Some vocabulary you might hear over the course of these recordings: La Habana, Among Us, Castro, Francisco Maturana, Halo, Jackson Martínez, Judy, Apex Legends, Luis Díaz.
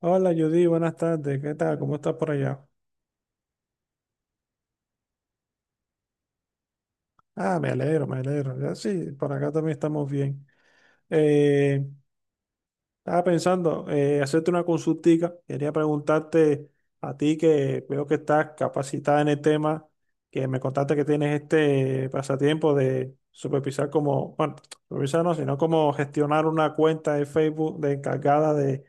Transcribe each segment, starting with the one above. Hola Judy, buenas tardes. ¿Qué tal? ¿Cómo estás por allá? Ah, me alegro, me alegro. Ya sí, por acá también estamos bien. Eh, estaba pensando hacerte una consultica. Quería preguntarte a ti que veo que estás capacitada en el tema, que me contaste que tienes este pasatiempo de supervisar como, bueno, supervisar no, sino como gestionar una cuenta de Facebook de encargada de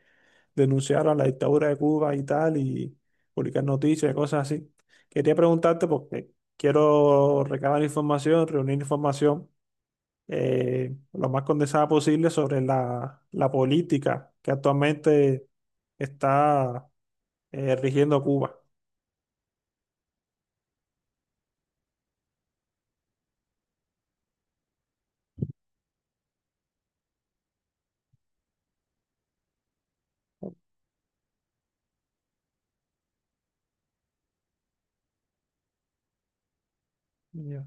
denunciaron la dictadura de Cuba y tal, y publicar noticias y cosas así. Quería preguntarte porque quiero recabar información, reunir información lo más condensada posible sobre la política que actualmente está rigiendo Cuba. Ya,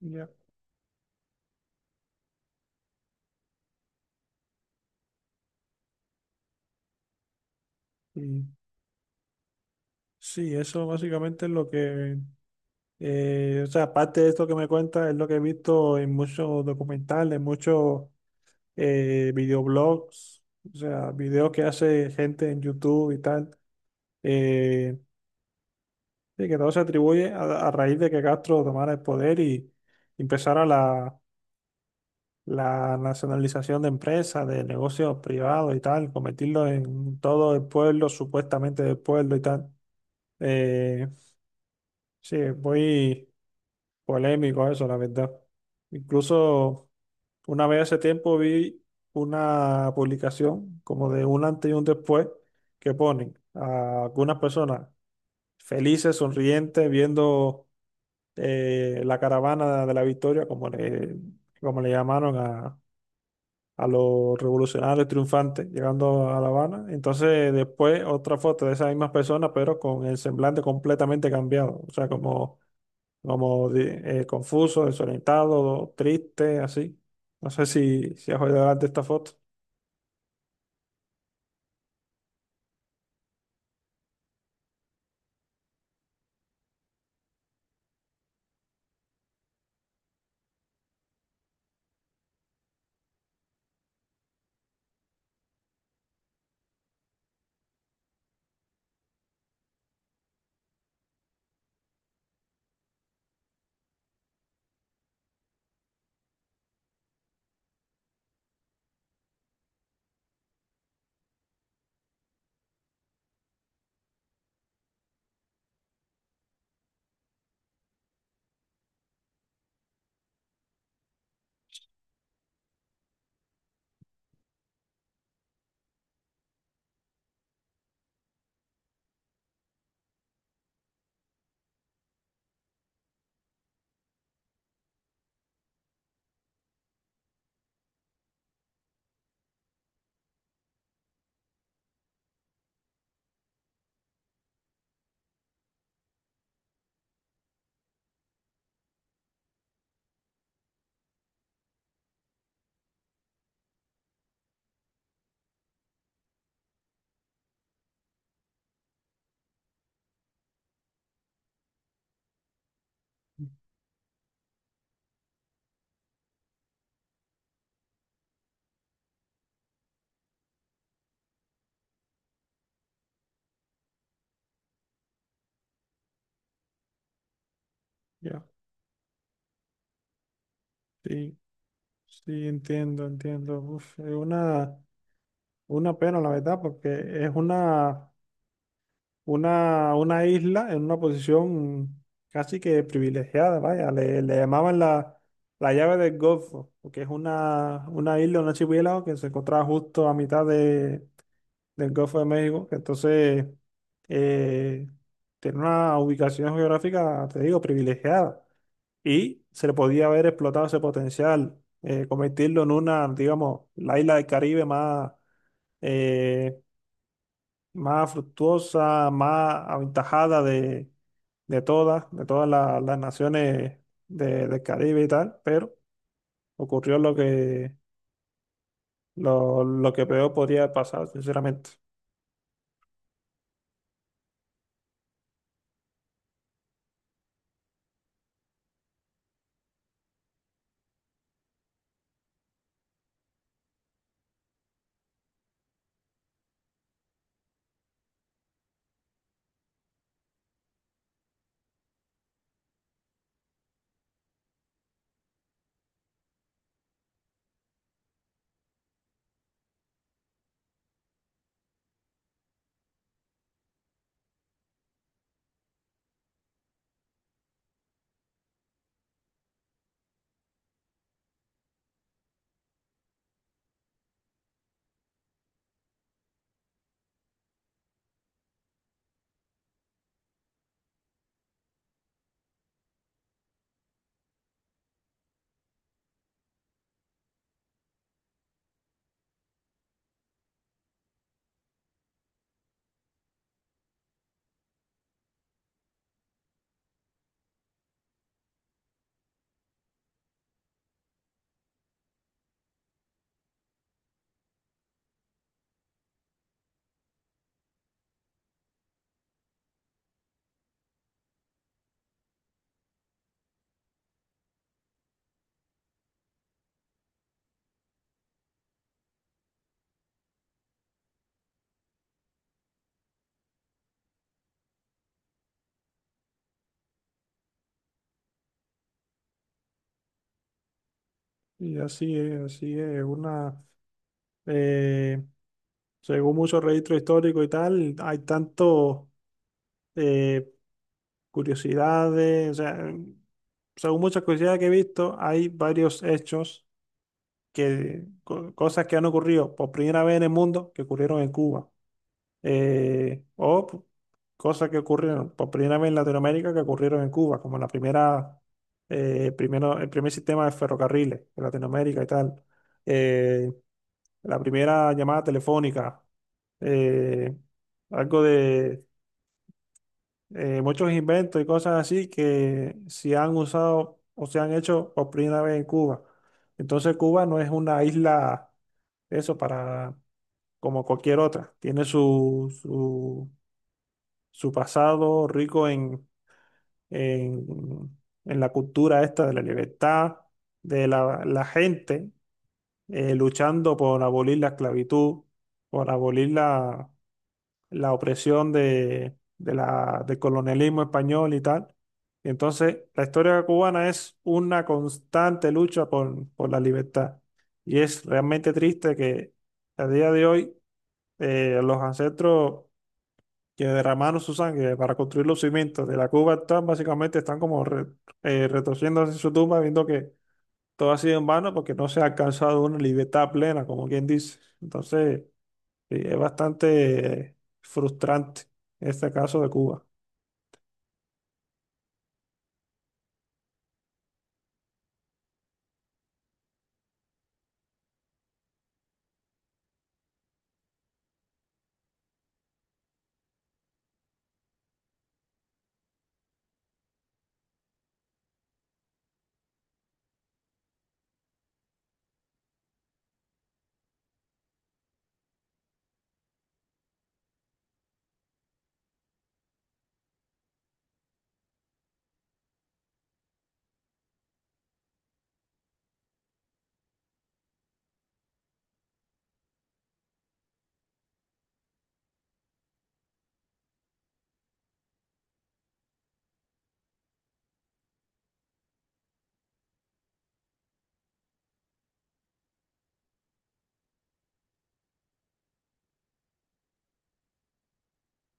ya. Y sí, eso básicamente es lo o sea, aparte de esto que me cuenta, es lo que he visto en muchos documentales, muchos videoblogs, o sea, videos que hace gente en YouTube y tal, eh, y que todo se atribuye a raíz de que Castro tomara el poder y empezara la nacionalización de empresas, de negocios privados y tal, convertirlo en todo el pueblo, supuestamente del pueblo y tal. Eh, sí, es muy polémico eso, la verdad. Incluso, una vez hace tiempo vi una publicación como de un antes y un después que ponen a algunas personas felices, sonrientes, viendo la caravana de la victoria, como como le llamaron a los revolucionarios triunfantes llegando a La Habana. Entonces después otra foto de esas mismas personas, pero con el semblante completamente cambiado, o sea, como confuso, desorientado, triste, así. No sé si has oído hablar de esta foto. Ya, sí, sí, entiendo, entiendo. Uf, es una pena, la verdad, porque es una, una isla en una posición casi que privilegiada, vaya. Le llamaban la llave del Golfo, porque es una isla, una archipiélago que se encontraba justo a mitad del Golfo de México. Entonces, eh, tiene una ubicación geográfica, te digo, privilegiada y se le podía haber explotado ese potencial, convertirlo en una, digamos, la isla del Caribe más, eh, más fructuosa, más aventajada de todas las naciones del Caribe y tal, pero ocurrió lo lo que peor podría pasar, sinceramente. Y así es, una... Eh, según muchos registros históricos y tal, hay tanto eh, curiosidades, o sea, según muchas curiosidades que he visto, hay varios hechos cosas que han ocurrido por primera vez en el mundo que ocurrieron en Cuba, eh, o p- cosas que ocurrieron por primera vez en Latinoamérica que ocurrieron en Cuba, como la primera, primero, el primer sistema de ferrocarriles en Latinoamérica y tal. Eh, la primera llamada telefónica, eh, algo de muchos inventos y cosas así que se han usado o se han hecho por primera vez en Cuba. Entonces Cuba no es una isla, eso, para como cualquier otra. Tiene su, su pasado rico en, en, en la cultura esta de la libertad, de la gente luchando por abolir la esclavitud, por abolir la la opresión de del colonialismo español y tal. Y entonces la historia cubana es una constante lucha por la libertad. Y es realmente triste que a día de hoy los ancestros que derramaron su sangre para construir los cimientos de la Cuba actual básicamente están como retorciéndose en su tumba viendo que todo ha sido en vano porque no se ha alcanzado una libertad plena, como quien dice. Entonces, sí, es bastante frustrante este caso de Cuba.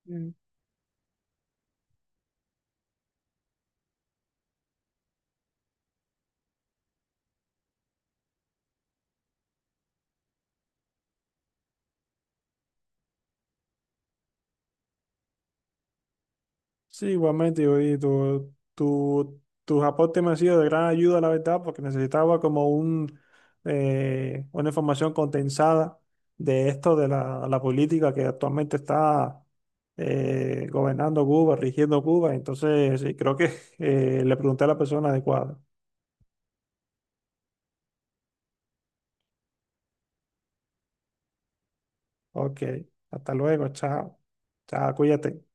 Mm. Sí, igualmente, yo y tus aportes me han sido de gran ayuda, la verdad, porque necesitaba como un, una información condensada de esto, de la política que actualmente está gobernando Cuba, rigiendo Cuba. Entonces, sí, creo que le pregunté a la persona adecuada. Ok, hasta luego, chao. Chao, cuídate.